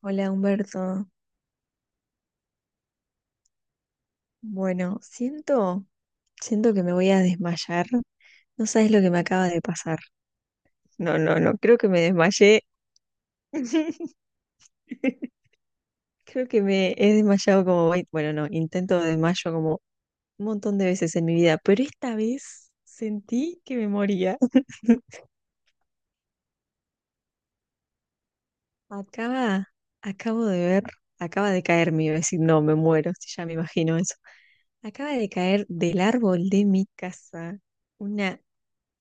Hola Humberto. Bueno, siento que me voy a desmayar. No sabes lo que me acaba de pasar. No, no, no, creo que me desmayé. Creo que me he desmayado como, bueno, no, intento desmayo como un montón de veces en mi vida, pero esta vez sentí que me moría. Acaba, acabo de ver, acaba de caer, me iba a decir, no, me muero, si ya me imagino eso. Acaba de caer del árbol de mi casa una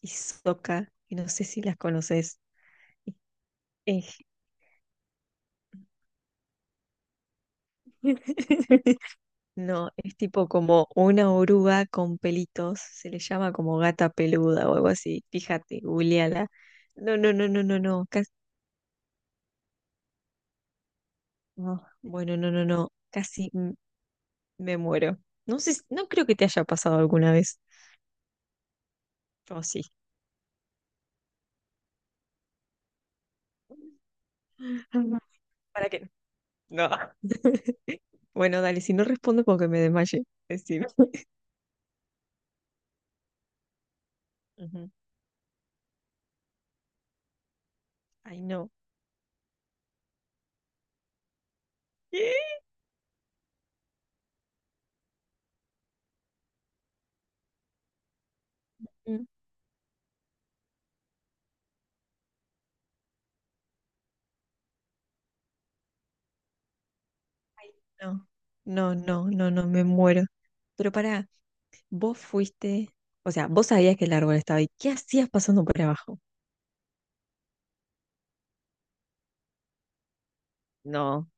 y Sokka, que no sé si las conoces. Eh, No, es tipo como una oruga con pelitos, se le llama como gata peluda o algo así. Fíjate, googleala. No, no, no, no, no, no. Casi. No, bueno, no, no, no. Casi me muero. No sé, no creo que te haya pasado alguna vez. O sí. Ujú. ¿Para qué? No. Bueno, dale, si no respondo porque me desmaye. Decime. Ujú. Ay, no. No, no, no, no, no, me muero. Pero pará, vos fuiste, o sea, vos sabías que el árbol estaba ahí. ¿Qué hacías pasando por abajo? No,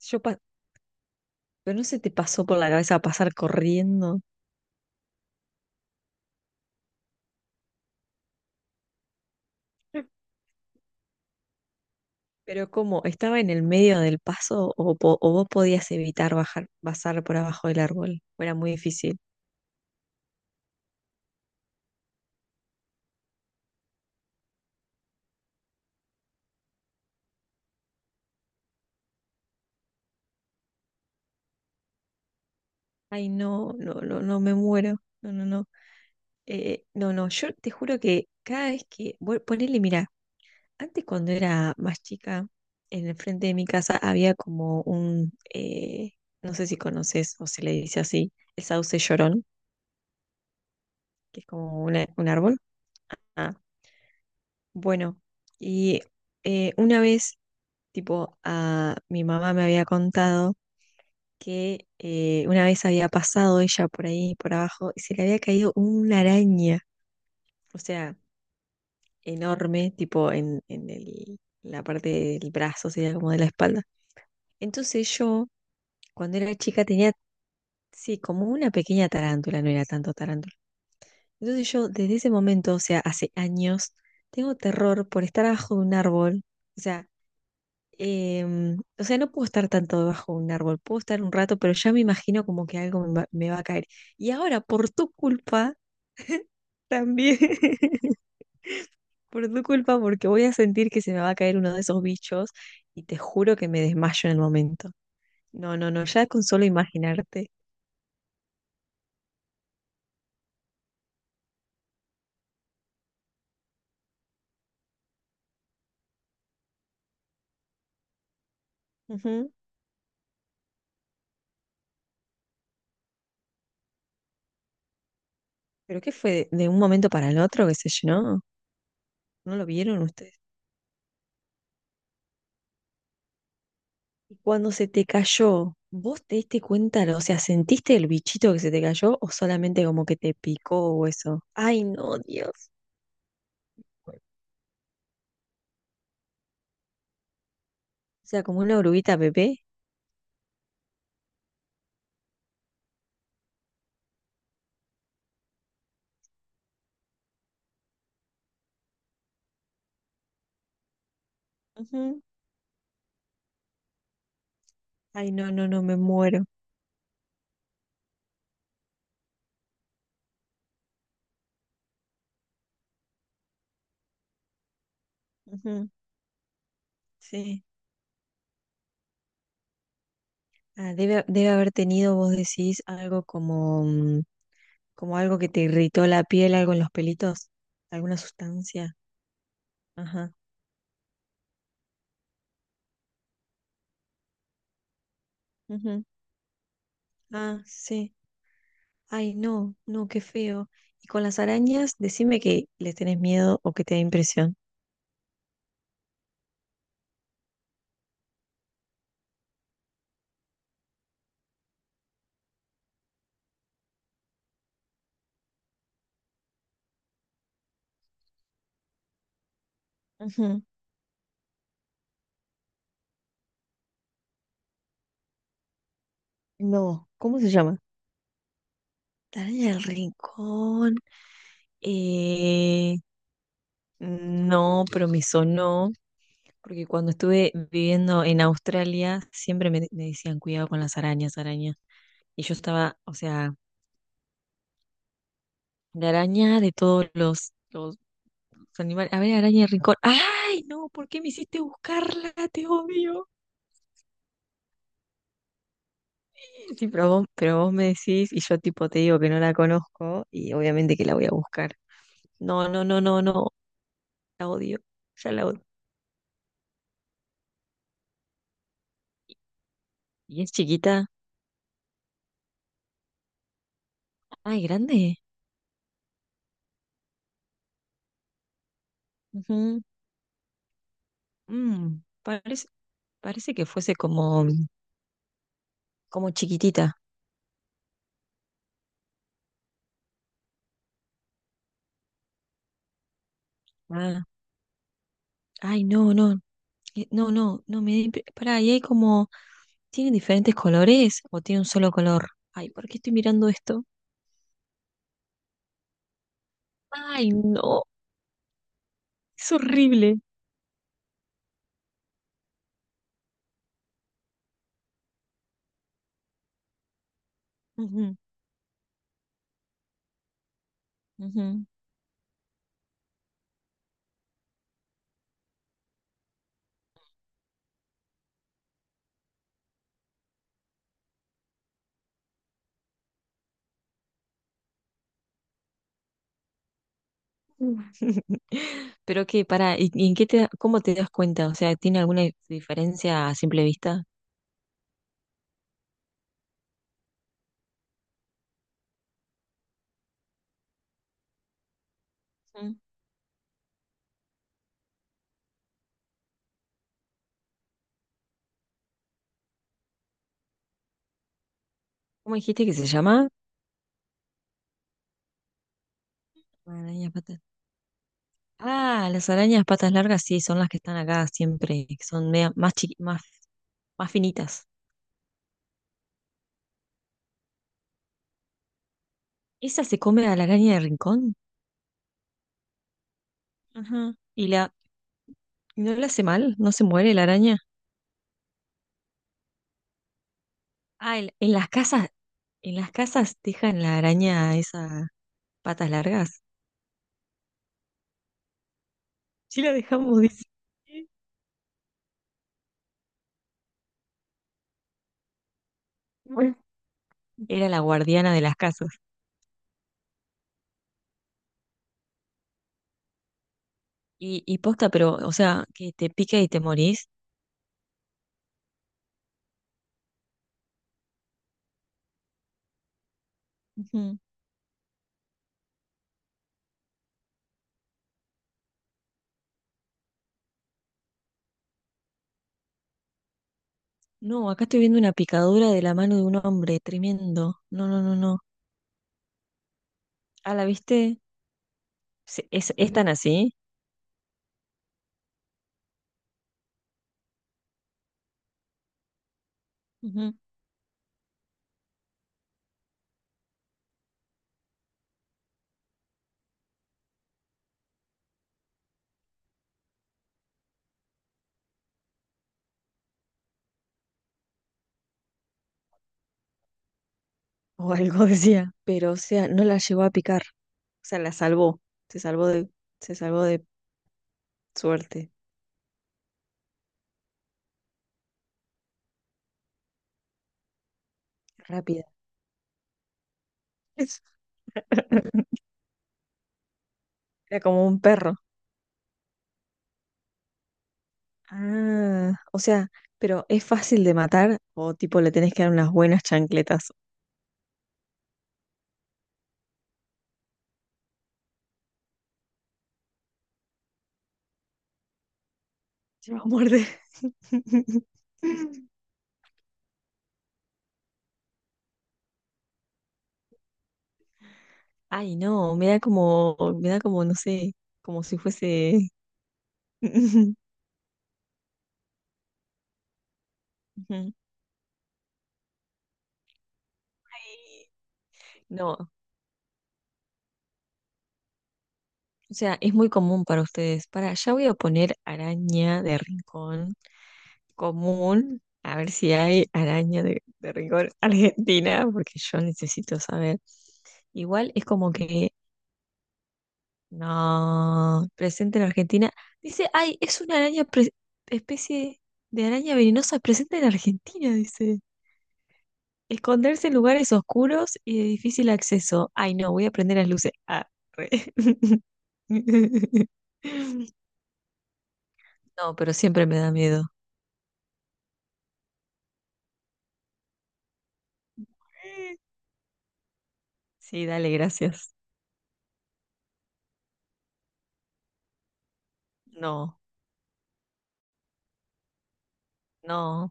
yo, pa- pero no se te pasó por la cabeza pasar corriendo. Pero ¿cómo? ¿Estaba en el medio del paso o, o vos podías evitar bajar, pasar por abajo del árbol? ¿O era muy difícil? Ay, no, no, no, no, me muero. No, no, no. No, no, yo te juro que cada vez que, ponele, mirá, antes, cuando era más chica, en el frente de mi casa había como un, no sé si conoces o se le dice así, el sauce llorón, que es como un árbol. Ah, bueno, y una vez, tipo, mi mamá me había contado que una vez había pasado ella por ahí, por abajo, y se le había caído una araña, o sea, enorme, tipo en la parte del brazo, sería como de la espalda. Entonces yo Cuando era chica tenía, sí, como una pequeña tarántula, no era tanto tarántula. Entonces yo desde ese momento, o sea, hace años, tengo terror por estar abajo de un árbol. O sea, o sea, no puedo estar tanto debajo de un árbol, puedo estar un rato, pero ya me imagino como que algo me va a caer. Y ahora, por tu culpa, también, por tu culpa, porque voy a sentir que se me va a caer uno de esos bichos y te juro que me desmayo en el momento. No, no, no, ya con solo imaginarte. Ujú. ¿Pero qué fue? ¿De un momento para el otro que se llenó? ¿No lo vieron ustedes? Y cuando se te cayó, ¿vos te diste cuenta? O sea, ¿sentiste el bichito que se te cayó o solamente como que te picó o eso? Ay, no, Dios. O sea, como una oruguita bebé. Ujú. Ay, no, no, no, me muero. Ujú. Sí. Ah, debe haber tenido, vos decís, algo como, como algo que te irritó la piel, algo en los pelitos, alguna sustancia. Ajá. Ujú. Ah, sí. Ay, no, no, qué feo. Y con las arañas, decime que les tenés miedo o que te da impresión. Ujú. No, ¿cómo se llama? La araña del rincón. eh, no, pero me sonó, porque cuando estuve viviendo en Australia, siempre me decían, cuidado con las arañas, araña. Y yo estaba, o sea, la araña de todos los animales. A ver, araña del rincón. ¡Ay, no! ¿Por qué me hiciste buscarla? Te odio. Sí, pero vos me decís y yo tipo te digo que no la conozco y obviamente que la voy a buscar. No, no, no, no, no, la odio, ya la odio. ¿Y es chiquita? Ay, grande. Ujú. Mm, parece, parece que fuese como, chiquitita. Ah, ay, no, no, no, no, Pará, y hay como. ¿Tienen diferentes colores o tiene un solo color? Ay, ¿por qué estoy mirando esto? Ay, no, es horrible. Ujú, ujú. Pero que para, ¿y en cómo te das cuenta? O sea, ¿tiene alguna diferencia a simple vista? Ujú. ¿Cómo dijiste que se llama? Arañas patas. Ah, las arañas patas largas sí, son las que están acá siempre, que son más más finitas. ¿Esa se come a la araña de rincón? Ajá. ¿Y no le hace mal? ¿No se muere la araña? Ah, en las casas dejan la araña esas patas largas. Sí la dejamos, dice. Bueno. Era la guardiana de las casas. Y posta, pero, o sea, que te pica y te morís. Ujú. No, acá estoy viendo una picadura de la mano de un hombre, tremendo. No, no, no, no. Ah, ¿la viste? ¿Es tan así? Ujú. O algo decía. Pero, o sea, no la llevó a picar. O sea, la salvó. Se salvó de, se salvó de suerte. Rápida. Es- Era como un perro. Ah, o sea, pero ¿es fácil de matar o tipo le tenés que dar unas buenas chancletas? Se va a morder. Ay, no, me da como, no sé, como si fuese... Ujú. No, o sea, es muy común para ustedes. Para, ya voy a poner araña de rincón común, a ver si hay araña de rincón argentina, porque yo necesito saber. Igual es como que no, presente en Argentina. Dice, ay, es una araña, especie de araña venenosa presente en Argentina, dice. Esconderse en lugares oscuros y de difícil acceso. Ay, no, voy a prender las luces. Ah, re. No, pero siempre me da miedo. Sí, dale, gracias. No, no.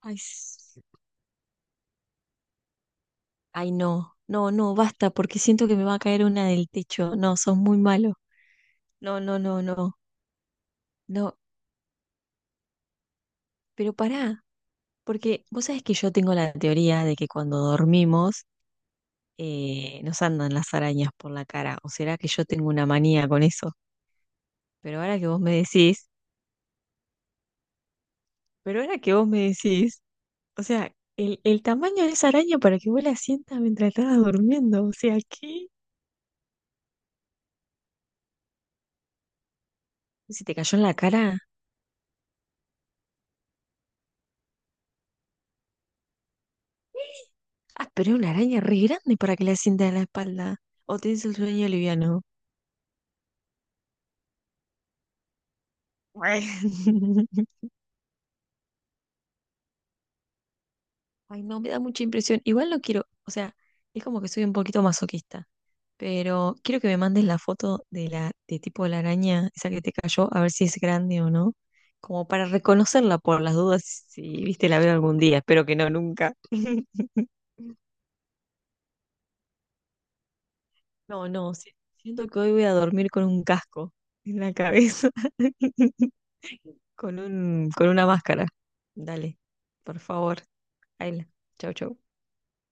Ay, ay, no. No, no, basta, porque siento que me va a caer una del techo. No, sos muy malo. No, no, no, no. No, pero pará, porque vos sabés que yo tengo la teoría de que cuando dormimos nos andan las arañas por la cara. ¿O será que yo tengo una manía con eso? Pero ahora que vos me decís, pero ahora que vos me decís, o sea, el tamaño de esa araña para que vos la sientas mientras estabas durmiendo, o sea, ¿qué? Si te cayó en la cara. Ah, pero es una araña re grande para que la sientas en la espalda. O tenés el sueño liviano. Ay, no, me da mucha impresión. Igual no quiero, o sea, es como que soy un poquito masoquista. Pero quiero que me mandes la foto de la de tipo de la araña, esa que te cayó, a ver si es grande o no, como para reconocerla por las dudas, si viste la veo algún día, espero que no nunca. No, no, siento que hoy voy a dormir con un casco en la cabeza, con con una máscara. Dale, por favor, Ayla. Chau, chau.